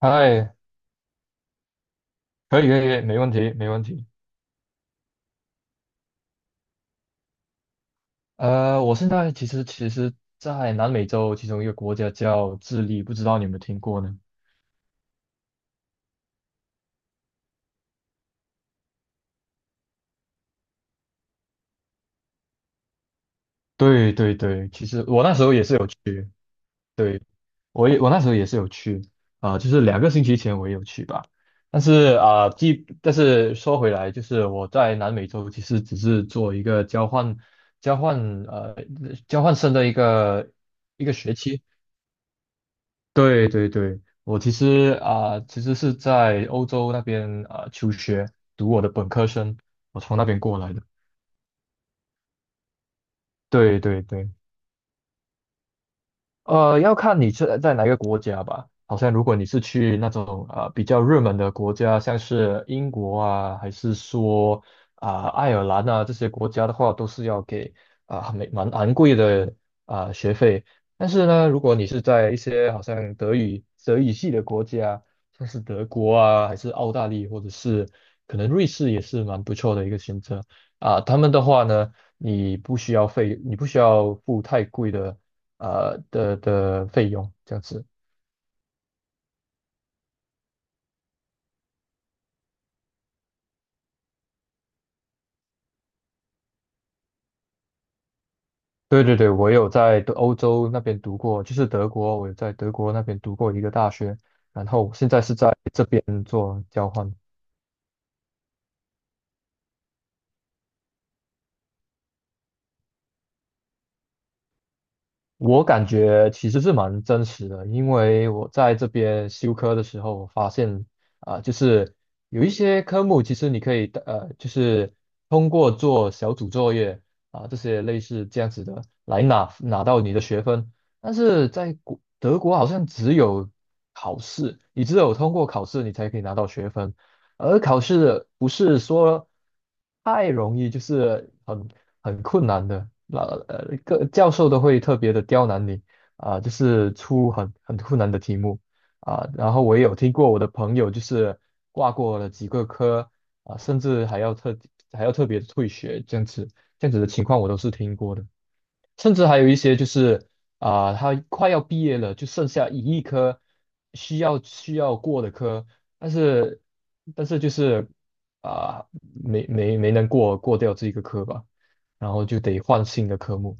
嗨，可以没问题。我现在其实其实，在南美洲其中一个国家叫智利，不知道你有没有听过呢？对对对，其实我那时候也是有去。对，我那时候也是有去，就是2个星期前我也有去吧。但是啊，但是说回来，就是我在南美洲其实只是做一个交换呃交换生的一个学期。对对对，我其实是在欧洲那边求学，读我的本科生，我从那边过来的。对对对。要看你是在哪个国家吧。好像如果你是去那种比较热门的国家，像是英国啊，还是说爱尔兰啊这些国家的话，都是要给蛮昂贵的学费。但是呢，如果你是在一些好像德语系的国家，像是德国啊，还是澳大利亚，或者是可能瑞士也是蛮不错的一个选择。啊，他们的话呢，你不需要付太贵的的费用这样子。对对对，我有在欧洲那边读过，就是德国，我有在德国那边读过一个大学，然后现在是在这边做交换。我感觉其实是蛮真实的，因为我在这边修科的时候，我发现就是有一些科目其实你可以就是通过做小组作业这些类似这样子的来拿到你的学分，但是在德国好像只有考试，你只有通过考试你才可以拿到学分，而考试不是说太容易，就是很。很困难的，那个教授都会特别的刁难你就是出很困难的题目。然后我也有听过我的朋友就是挂过了几个科，甚至还要还要特别退学这样子，这样子的情况我都是听过的。甚至还有一些就是他快要毕业了，就剩下一亿科，需要过的科，但是但是就是啊、没能过掉这个科吧，然后就得换新的科目。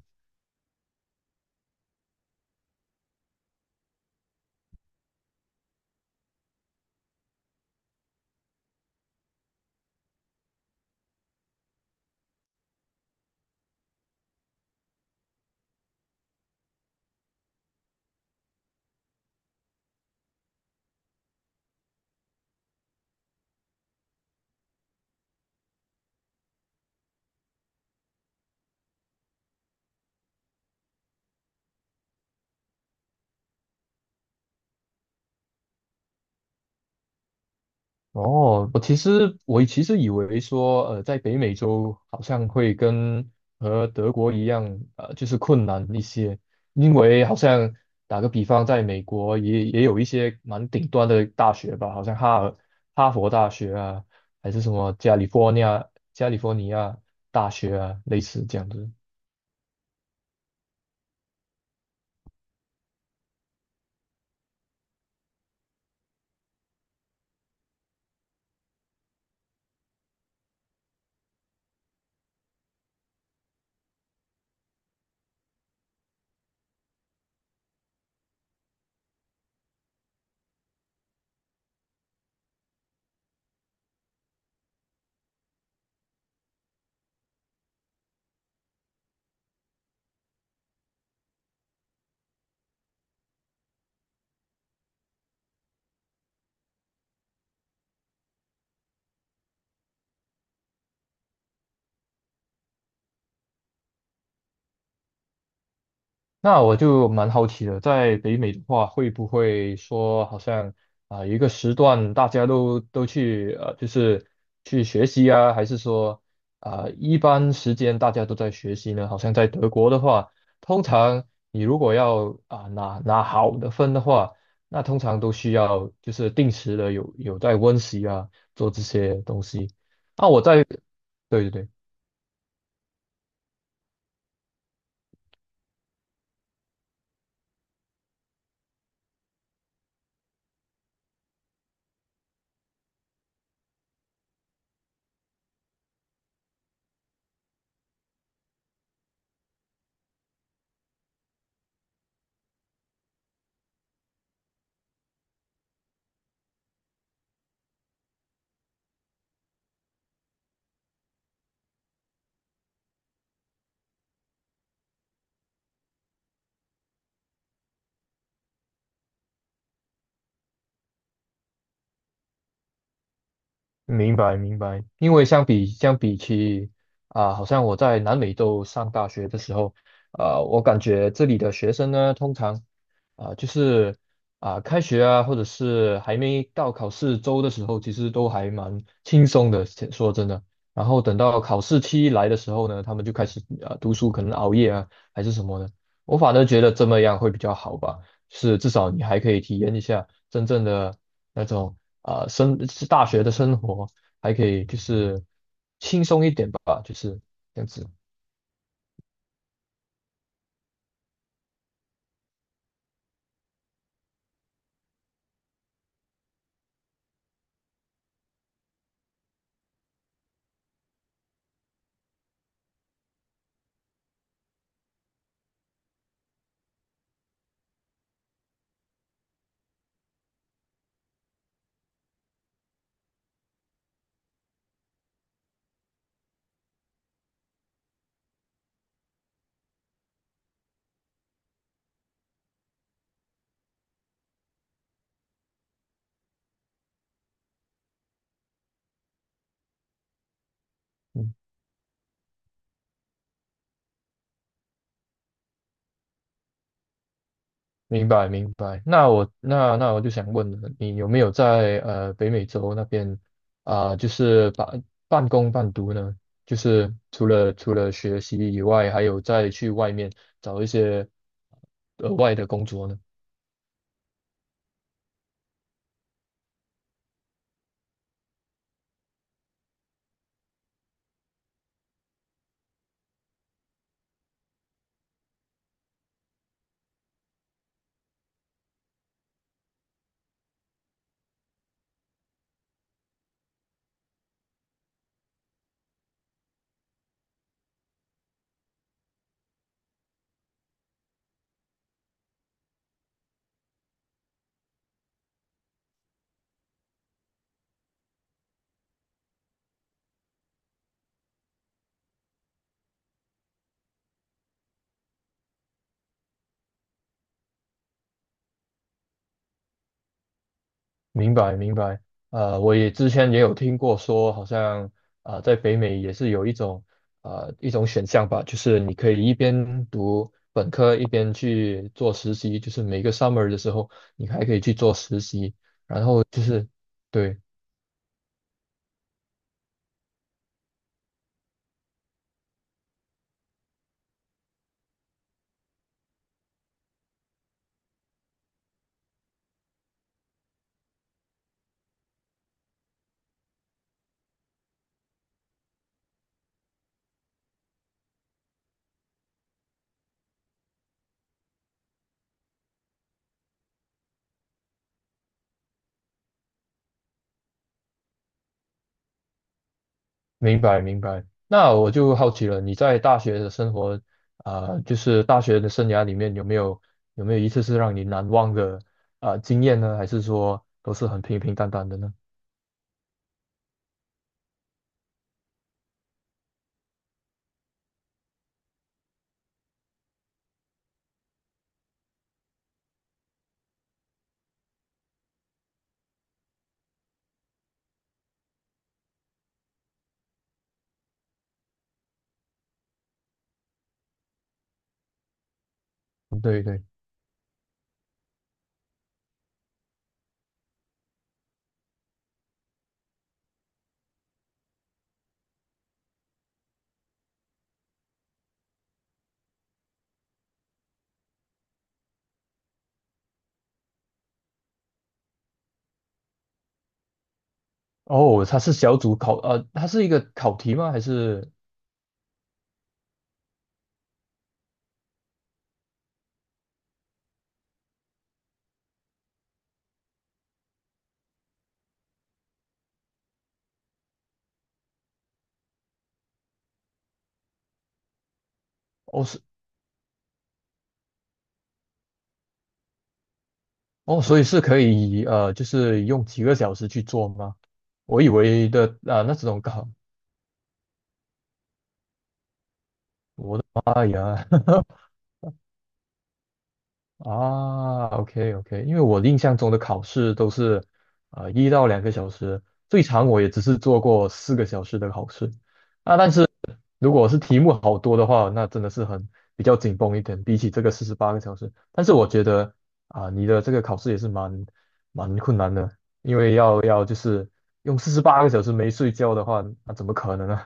哦，我其实以为说，在北美洲好像会和德国一样，就是困难一些，因为好像打个比方，在美国也有一些蛮顶端的大学吧，好像哈佛大学啊，还是什么加利福尼亚大学啊，类似这样子。那我就蛮好奇的，在北美的话，会不会说好像有一个时段大家都去就是去学习啊，还是说一般时间大家都在学习呢？好像在德国的话，通常你如果要拿好的分的话，那通常都需要就是定时的有在温习啊，做这些东西。那我在对对对。明白明白，因为相比起好像我在南美洲上大学的时候，我感觉这里的学生呢，通常啊、就是开学啊，或者是还没到考试周的时候，其实都还蛮轻松的，说真的。然后等到考试期来的时候呢，他们就开始读书，可能熬夜啊，还是什么的。我反而觉得这么样会比较好吧。是至少你还可以体验一下真正的那种是大学的生活，还可以就是轻松一点吧，就是这样子。嗯，明白明白。那我就想问了，你有没有在北美洲那边就是半工半读呢？就是除了学习以外，还有再去外面找一些额外的工作呢？明白明白，我也之前也有听过说，好像在北美也是有一种一种选项吧，就是你可以一边读本科一边去做实习，就是每个 summer 的时候，你还可以去做实习，然后就是对。明白明白。那我就好奇了，你在大学的生活，就是大学的生涯里面有没有一次是让你难忘的经验呢？还是说都是很平平淡淡的呢？对对。哦，它是小组考，它是一个考题吗？还是哦是哦，所以是可以就是用几个小时去做吗？我以为的那这种考，哎呀，啊，OK OK，因为我印象中的考试都是1到2个小时，最长我也只是做过4个小时的考试。如果是题目好多的话，那真的是很比较紧绷一点，比起这个四十八个小时。但是我觉得你的这个考试也是蛮困难的，因为要就是用四十八个小时没睡觉的话，那、怎么可能呢、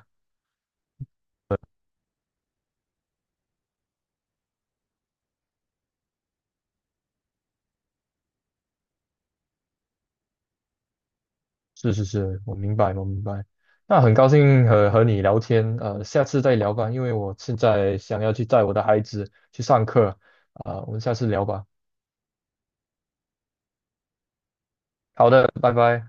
是是是，我明白，我明白。那很高兴和你聊天，下次再聊吧，因为我现在想要去载我的孩子去上课，我们下次聊吧。好的，拜拜。